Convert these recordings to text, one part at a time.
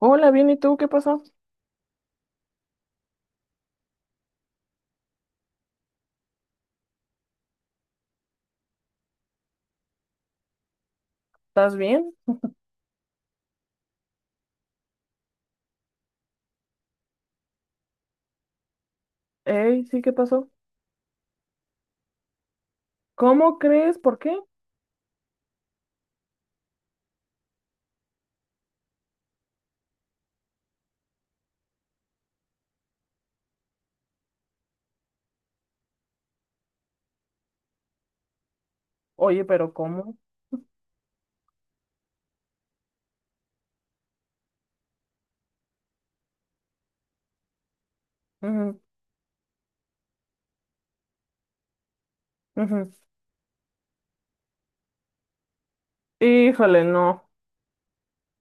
Hola, bien, ¿y tú qué pasó? ¿Estás bien? Ey, sí, ¿qué pasó? ¿Cómo crees? ¿Por qué? Oye, pero ¿cómo? Ujú, ujú. Híjole, no.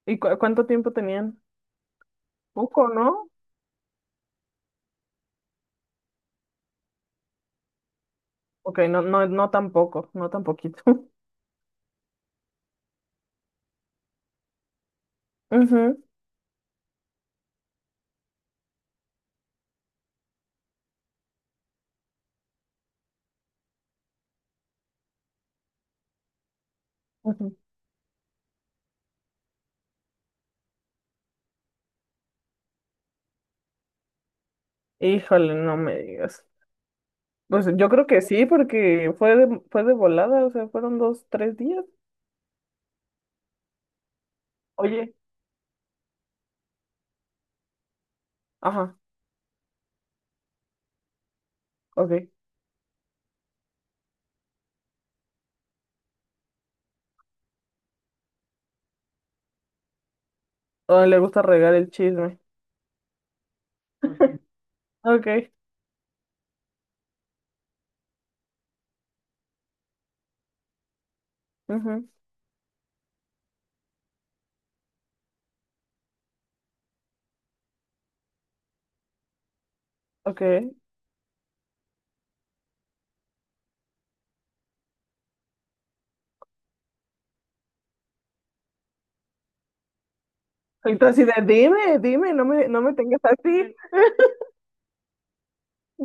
¿Y cuánto tiempo tenían? Poco, ¿no? Ok, no, no, no tan poco, no tan poquito. Ujú, ujú. Híjole, no me digas. Pues yo creo que sí, porque fue de volada, o sea, fueron dos, tres días. Oye, ajá, ok. Oh, le gusta regar el chisme. Ok, ujú, ok. Y tú así de, dime, dime, no me tengas así.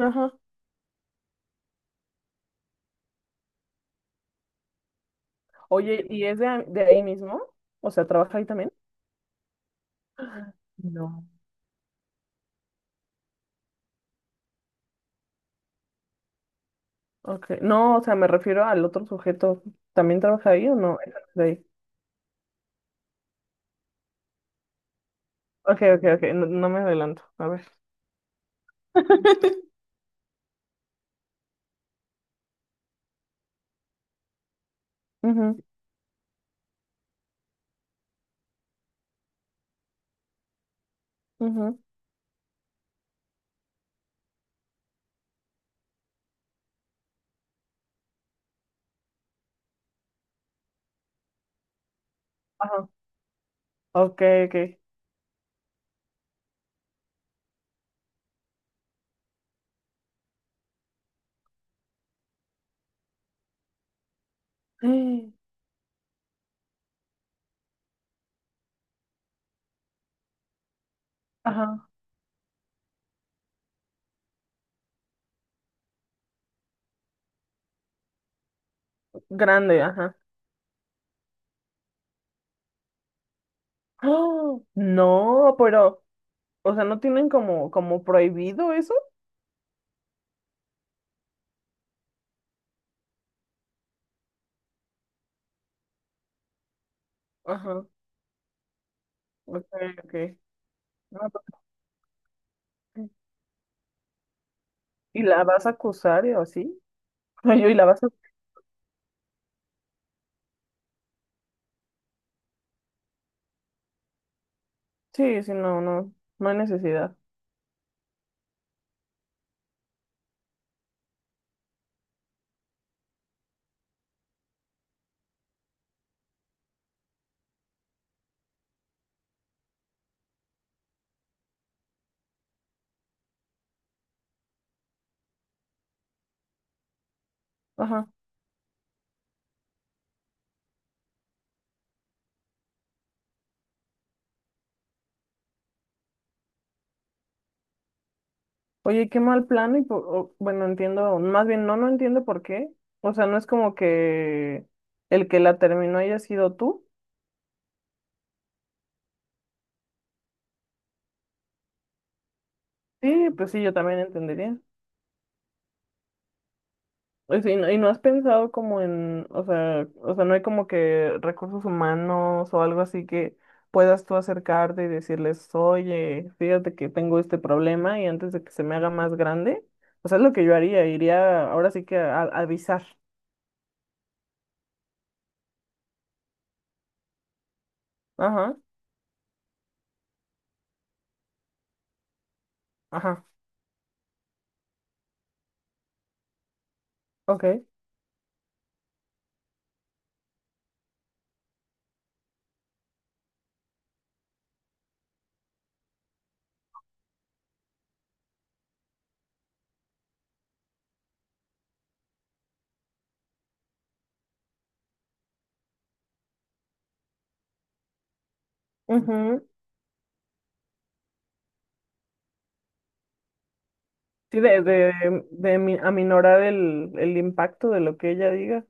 Ajá. Oye, ¿y es de ahí mismo? O sea, ¿trabaja ahí también? No. Okay. No, o sea, me refiero al otro sujeto. ¿También trabaja ahí o no? De ahí. Ok, ok, ok, no, no me adelanto. A ver. Ujú, ujú, Ajá. Ok, ok. Mm, Ajá. Grande, ajá. ¡Ah! No, pero, o sea, ¿no tienen como, como prohibido eso? Ajá. Ok, ok. No, pues, ¿y la vas a acusar o así? Oye, y la vas a... Sí, sí, no, no, no hay necesidad. Ajá. Oye, qué mal plano y bueno, entiendo, más bien no, no entiendo por qué. O sea, no es como que el que la terminó haya sido tú. Sí, pues sí, yo también entendería. O sea, y no has pensado como en, o sea, no hay como que recursos humanos o algo así que puedas tú acercarte y decirles, oye, fíjate que tengo este problema y antes de que se me haga más grande, o sea, es lo que yo haría, iría ahora sí que a avisar. Ajá, ajá, ok. Ujú. Sí, aminorar el impacto de lo que ella diga.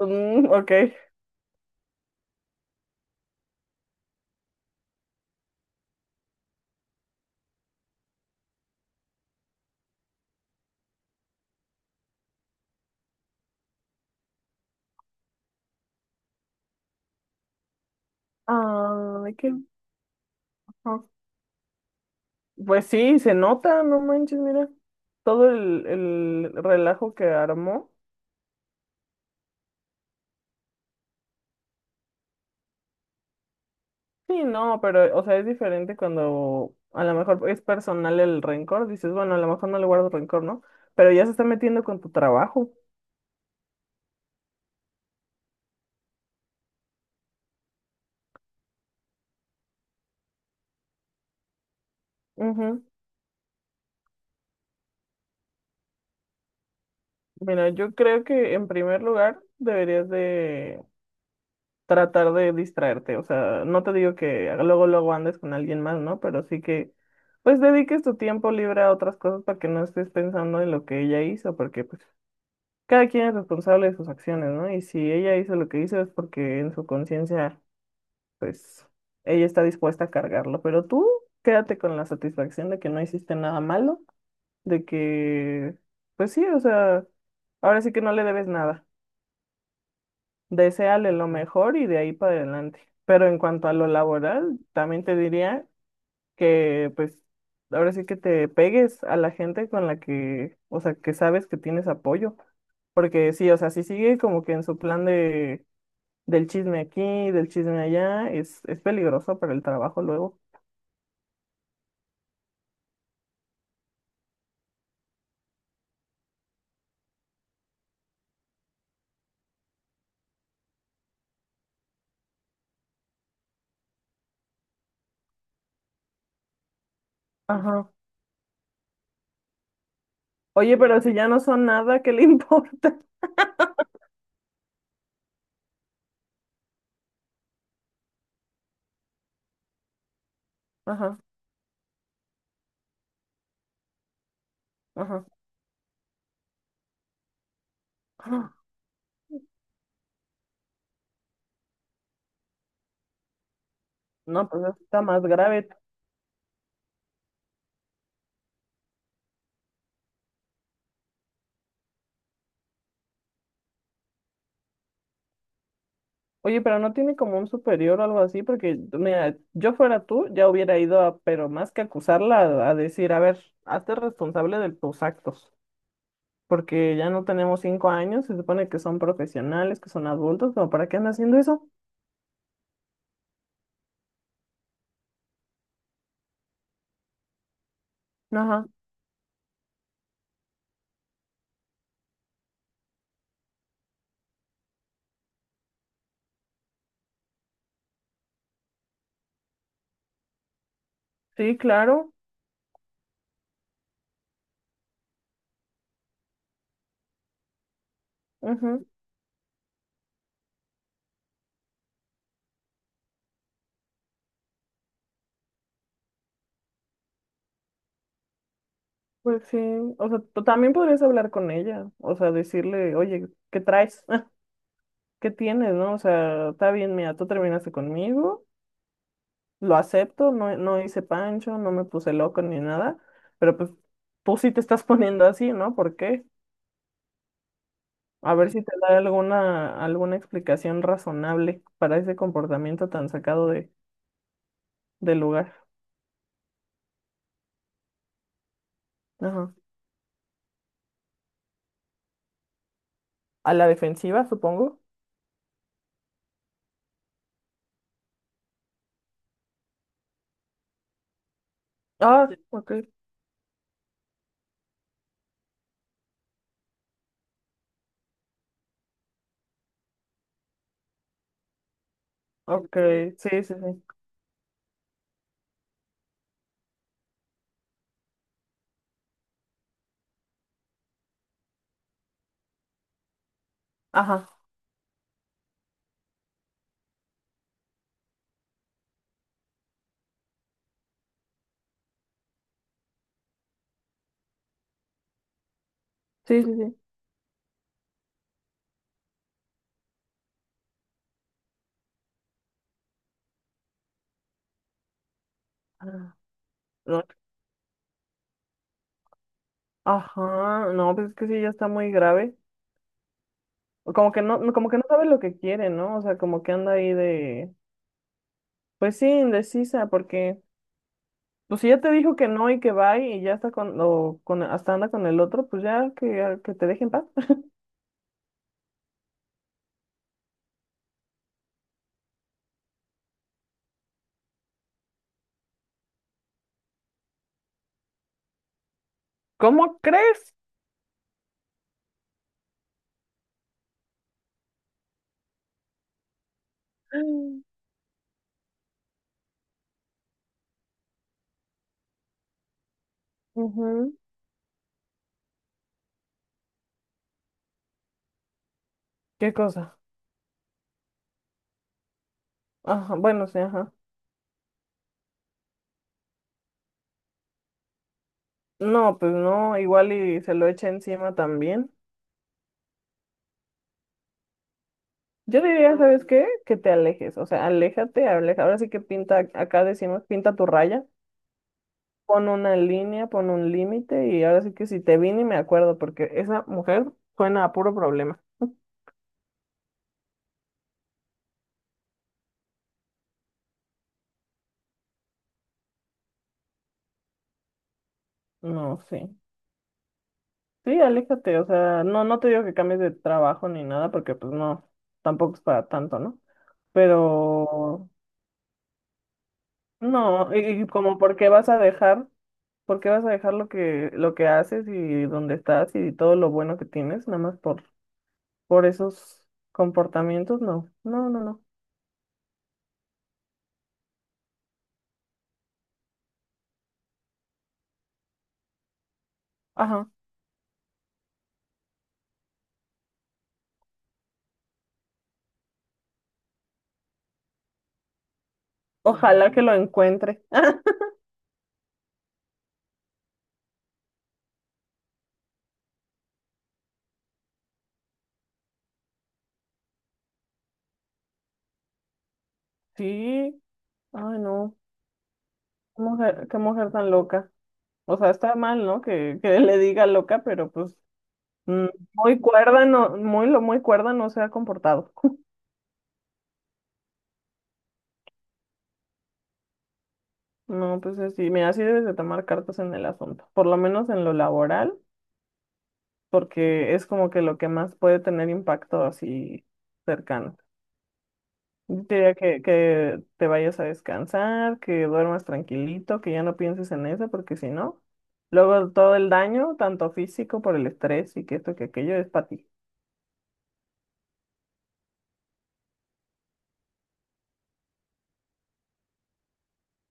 Mm, ok. Ay, qué... ajá. Pues sí, se nota, no manches, mira. Todo el relajo que armó. Sí, no, pero, o sea, es diferente cuando a lo mejor es personal el rencor. Dices, bueno, a lo mejor no le guardo rencor, ¿no? Pero ya se está metiendo con tu trabajo. Ujú. Mira, yo creo que en primer lugar deberías de... tratar de distraerte. O sea, no te digo que luego luego andes con alguien más, ¿no? Pero sí que pues dediques tu tiempo libre a otras cosas para que no estés pensando en lo que ella hizo, porque pues cada quien es responsable de sus acciones, ¿no? Y si ella hizo lo que hizo es porque en su conciencia, pues ella está dispuesta a cargarlo, pero tú quédate con la satisfacción de que no hiciste nada malo, de que, pues sí, o sea, ahora sí que no le debes nada. Deséale lo mejor y de ahí para adelante. Pero en cuanto a lo laboral, también te diría que pues ahora sí que te pegues a la gente con la que, o sea, que sabes que tienes apoyo. Porque sí, o sea, si sigue como que en su plan de del chisme aquí, del chisme allá, es peligroso para el trabajo luego. Ajá. Oye, pero si ya no son nada, ¿qué le importa? Ajá, ajá. No, pues eso está más grave. Oye, pero no tiene como un superior o algo así, porque mira, yo fuera tú, ya hubiera ido a, pero más que acusarla, a decir, a ver, hazte responsable de tus actos, porque ya no tenemos 5 años, se supone que son profesionales, que son adultos, ¿como para qué andas haciendo eso? Ajá, sí, claro, ujú. Pues sí, o sea, tú también podrías hablar con ella, o sea, decirle, oye, ¿qué traes? ¿Qué tienes, no? O sea, está bien, mira, tú terminaste conmigo, lo acepto, no, no hice pancho, no me puse loco ni nada, pero pues tú sí te estás poniendo así, ¿no? ¿Por qué? A ver si te da alguna, alguna explicación razonable para ese comportamiento tan sacado de, del lugar. Ajá. A la defensiva, supongo. Ah, sí. Ok, ok, sí, sí, sí. Ajá, sí, sí, sí. Ah, no, ajá, no, pues es que sí, ya está muy grave. O como que no, como que no sabe lo que quiere, ¿no? O sea, como que anda ahí de, pues sí, indecisa, porque pues si ya te dijo que no y que va y ya está hasta anda con el otro, pues ya que te dejen paz. ¿Cómo crees? Mm. Ujú. ¿Qué cosa? Ajá, bueno, sí, ajá. No, pues no, igual y se lo echa encima también. Yo diría, ¿sabes qué? Que te alejes, o sea, aléjate, aleja. Ahora sí que pinta, acá decimos, pinta tu raya, pon una línea, pon un límite y ahora sí que si te vi ni me acuerdo porque esa mujer suena a puro problema. No, sí. Sí, aléjate, o sea, no, no te digo que cambies de trabajo ni nada, porque pues no, tampoco es para tanto, ¿no? Pero no, y como por qué vas a dejar, por qué vas a dejar lo que haces y donde estás y todo lo bueno que tienes, nada más por esos comportamientos, no, no, no, no. Ajá. Ojalá que lo encuentre. Sí, ay no, qué mujer tan loca. O sea, está mal, ¿no? Que le diga loca, pero pues mm, muy cuerda, no, muy cuerda no se ha comportado. No, pues así, mira, así debes de tomar cartas en el asunto, por lo menos en lo laboral, porque es como que lo que más puede tener impacto así cercano. Yo te diría que te vayas a descansar, que duermas tranquilito, que ya no pienses en eso, porque si no, luego todo el daño, tanto físico por el estrés y que esto que aquello es para ti.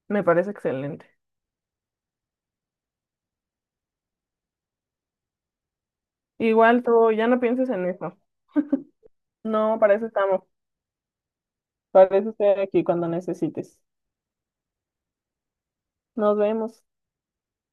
Me parece excelente. Igual tú ya no pienses en eso. No, para eso estamos. Para eso estoy aquí cuando necesites. Nos vemos.